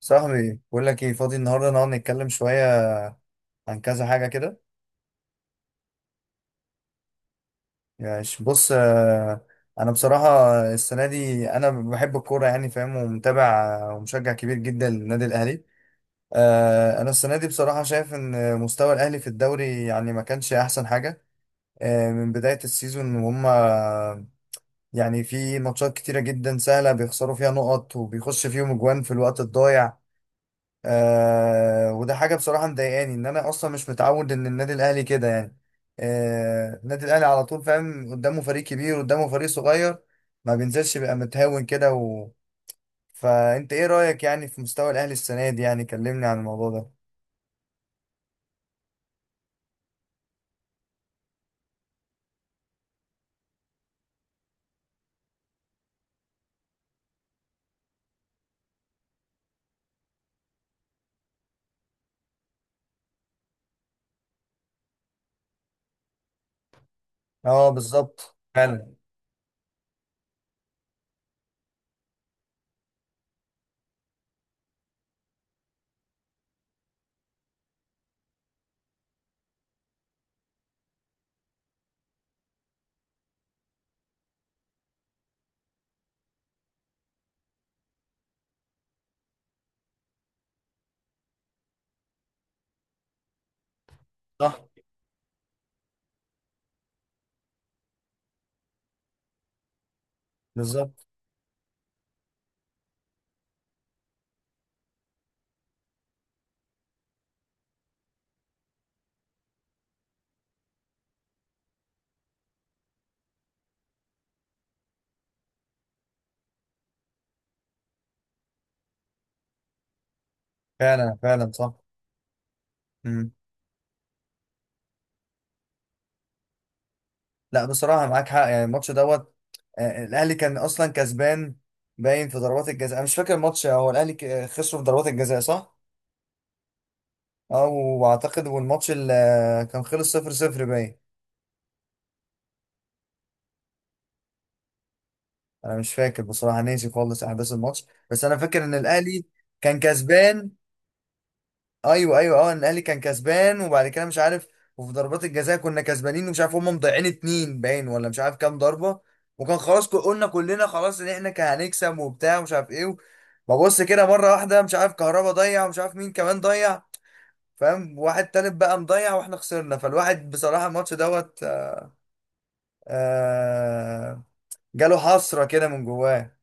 صاحبي بقول لك ايه فاضي النهارده نقعد نتكلم شويه عن كذا حاجه كده. يعني بص، انا بصراحه السنه دي انا بحب الكوره، يعني فاهم ومتابع، ومشجع كبير جدا للنادي الاهلي. انا السنه دي بصراحه شايف ان مستوى الاهلي في الدوري يعني ما كانش احسن حاجه. من بدايه السيزون، وهم يعني في ماتشات كتيره جدا سهله بيخسروا فيها نقط وبيخش فيهم اجوان في الوقت الضايع. وده حاجه بصراحه مضايقاني، ان انا اصلا مش متعود ان النادي الاهلي كده يعني. النادي الاهلي على طول فاهم، قدامه فريق كبير قدامه فريق صغير ما بينزلش، بيبقى متهاون كده فانت ايه رايك يعني في مستوى الاهلي السنه دي؟ يعني كلمني عن الموضوع ده. اه بالظبط فعلا. صح. بالظبط. فعلا فعلا صح. مم. لا بصراحه معاك حق، يعني الماتش دوت. الاهلي كان اصلا كسبان، باين في ضربات الجزاء. انا مش فاكر الماتش، هو الاهلي خسروا في ضربات الجزاء صح؟ اه واعتقد، والماتش اللي كان خلص صفر صفر باين. انا مش فاكر بصراحه، ناسي خالص احداث الماتش، بس انا فاكر ان الاهلي كان كسبان. ايوه ايوه اه، ان الاهلي كان كسبان وبعد كده مش عارف. وفي ضربات الجزاء كنا كسبانين، ومش عارف هم مضيعين اتنين باين ولا مش عارف كام ضربه. وكان خلاص، قلنا كلنا خلاص ان احنا كان هنكسب وبتاع ومش عارف ايه. ببص كده مره واحده مش عارف كهربا ضيع، ومش عارف مين كمان ضيع، فاهم، واحد تالت بقى مضيع، واحنا خسرنا. فالواحد بصراحه الماتش دوت، آه جاله حسرة كده من جواه.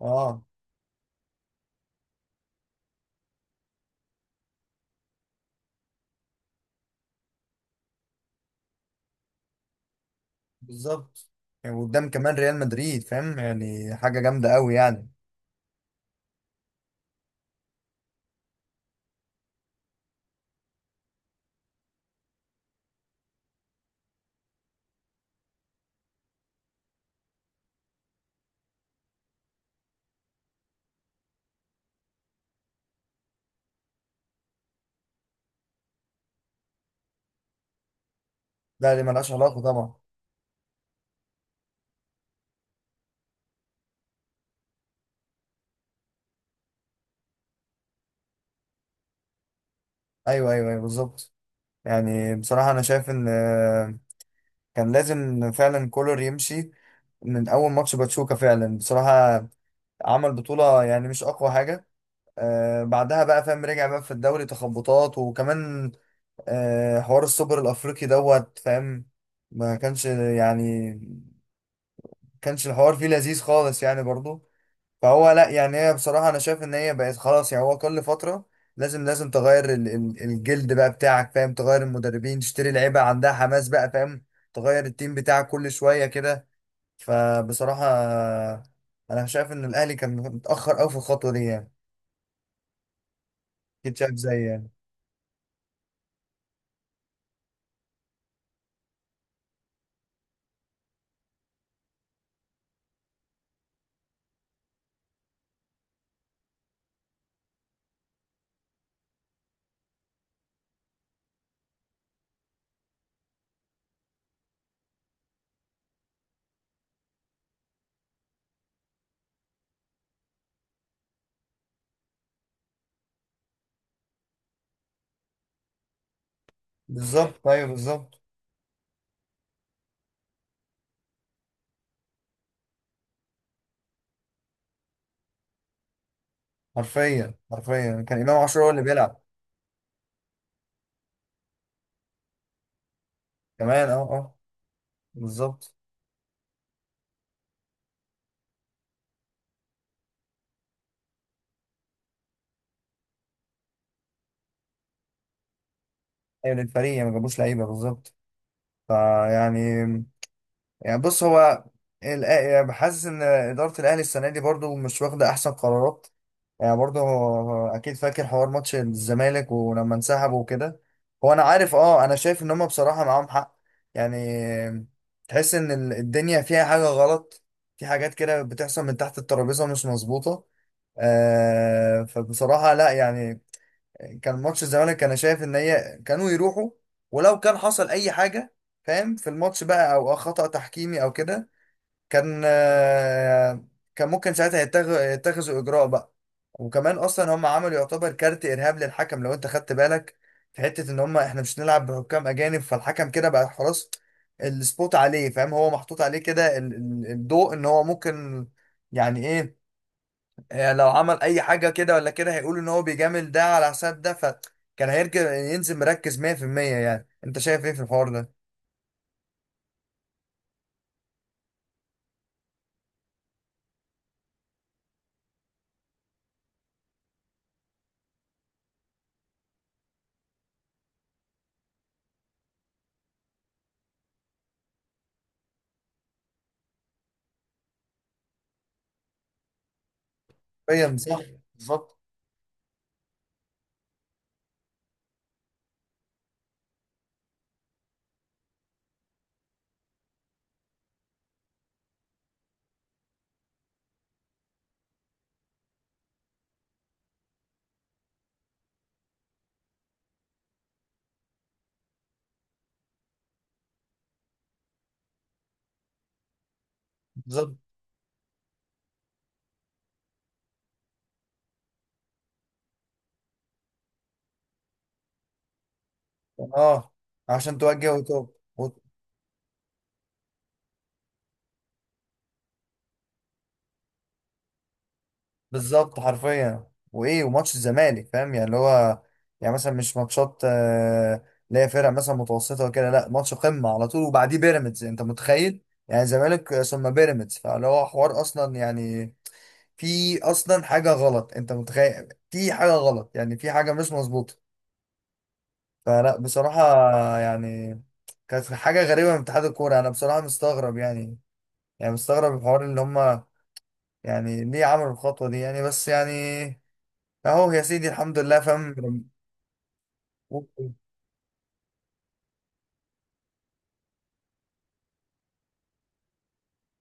اه بالظبط. يعني قدام كمان ريال مدريد، فاهم يعني حاجة جامدة قوي يعني. لا دي ملهاش علاقة طبعا. ايوه ايوه ايوه بالظبط. يعني بصراحة انا شايف ان كان لازم فعلا كولر يمشي من اول ماتش باتشوكا، فعلا بصراحة. عمل بطولة يعني مش اقوى حاجة. بعدها بقى فاهم رجع بقى في الدوري تخبطات، وكمان حوار السوبر الافريقي دوت، فاهم، ما كانش يعني كانش الحوار فيه لذيذ خالص يعني برضو. فهو لا يعني هي بصراحة أنا شايف إن هي بقت خلاص، يعني هو كل فترة لازم تغير الجلد بقى بتاعك، فاهم، تغير المدربين، تشتري لعيبة عندها حماس بقى فاهم، تغير التيم بتاعك كل شوية كده. فبصراحة أنا شايف إن الأهلي كان متأخر أوي في الخطوة دي يعني. أكيد شايف زي يعني بالظبط. أيوه بالظبط. حرفيا حرفيا كان إمام عاشور هو اللي بيلعب كمان. أه أه. بالظبط. أيوه للفريق يعني، ما جابوش لعيبة بالظبط. فيعني، يعني بص هو يعني بحس ان اداره الاهلي السنه دي برضو مش واخده احسن قرارات. يعني برضو هو اكيد فاكر حوار ماتش الزمالك ولما انسحبوا وكده. هو انا عارف، اه انا شايف ان هم بصراحه معاهم حق يعني. تحس ان الدنيا فيها حاجه غلط، في حاجات كده بتحصل من تحت الترابيزه مش مظبوطه. فبصراحه لا يعني. يعني كان ماتش الزمالك، انا شايف ان هي كانوا يروحوا، ولو كان حصل اي حاجه فاهم في الماتش بقى، او خطأ تحكيمي او كده، كان آه، كان ممكن ساعتها يتخذوا اجراء بقى. وكمان اصلا هم عملوا يعتبر كارت ارهاب للحكم، لو انت خدت بالك، في حته ان هم احنا مش نلعب بحكام اجانب، فالحكم كده بقى خلاص السبوت عليه فاهم، هو محطوط عليه كده الضوء ان هو ممكن، يعني ايه، هي لو عمل اي حاجه كده ولا كده هيقولوا ان هو بيجامل ده على حساب ده، فكان هيركب ينزل مركز 100%. يعني انت شايف ايه في الحوار ده؟ حرفيا صح. بالظبط. اه عشان توجه وتوب بالظبط حرفيا وايه. وماتش الزمالك فاهم يعني اللي هو، يعني مثلا مش ماتشات اللي هي فرق مثلا متوسطه وكده، لا ماتش قمه على طول وبعديه بيراميدز انت متخيل، يعني زمالك ثم بيراميدز. فاللي هو حوار اصلا، يعني في اصلا حاجه غلط، انت متخيل في حاجه غلط يعني، في حاجه مش مظبوطه. فلا بصراحه يعني كانت حاجه غريبه من اتحاد الكوره، انا بصراحه مستغرب يعني، يعني مستغرب الحوار اللي هم يعني، ليه عملوا الخطوه دي يعني، بس يعني اهو يا سيدي الحمد لله فاهم.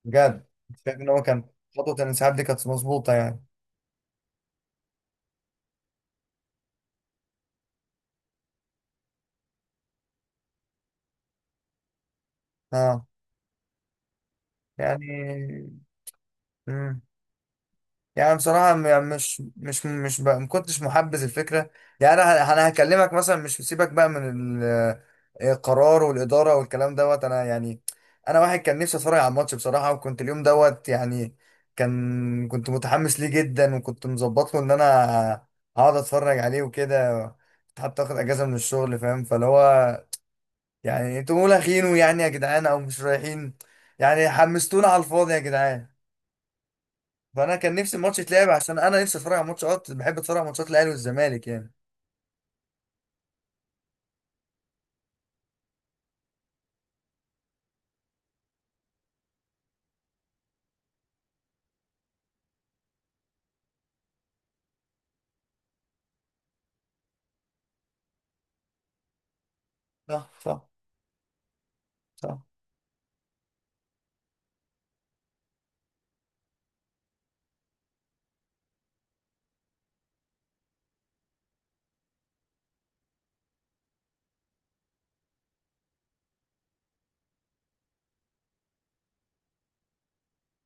بجد شايف ان هو كان خطوه الانسحاب دي كانت مظبوطه يعني. اه يعني. مم. يعني بصراحة يعني مش بقى ما كنتش محبذ الفكرة يعني. أنا أنا هكلمك مثلا، مش سيبك بقى من ال- القرار والإدارة والكلام دوت. أنا يعني أنا واحد كان نفسي أتفرج على الماتش بصراحة، وكنت اليوم دوت يعني كان كنت متحمس ليه جدا، وكنت مظبط له إن أنا هقعد أتفرج عليه وكده، كنت حتى آخد أجازة من الشغل فاهم. فاللي هو يعني أنتوا مولاخينه يعني يا جدعان أو مش رايحين يعني، حمستونا على الفاضي يا جدعان. فانا كان نفسي الماتش يتلعب، عشان انا نفسي اتفرج على ماتشات، بحب اتفرج على ماتشات الاهلي والزمالك يعني. صح صح صح.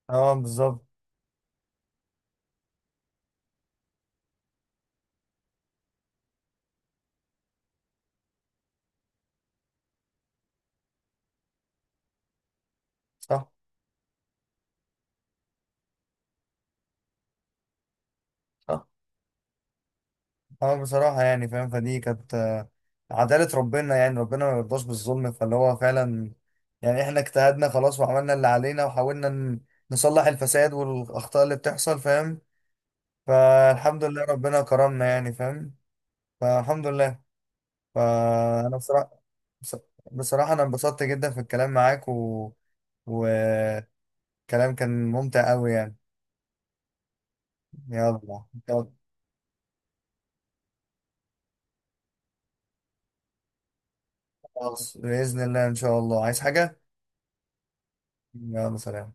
اه بالظبط. صح صح. اه بصراحة يعني فاهم، فدي كانت عدالة ربنا يعني، ربنا ما يرضاش بالظلم، فاللي هو فعلا يعني احنا اجتهدنا خلاص وعملنا اللي علينا، وحاولنا نصلح الفساد والأخطاء اللي بتحصل فاهم، فالحمد لله ربنا كرمنا يعني فاهم. فالحمد لله. فأنا بصراحة بص- بصراحة أنا انبسطت جدا في الكلام معاك، و... كلام كان ممتع قوي يعني. يلا يلا، خلاص بإذن الله إن شاء الله عايز حاجة. يلا سلام.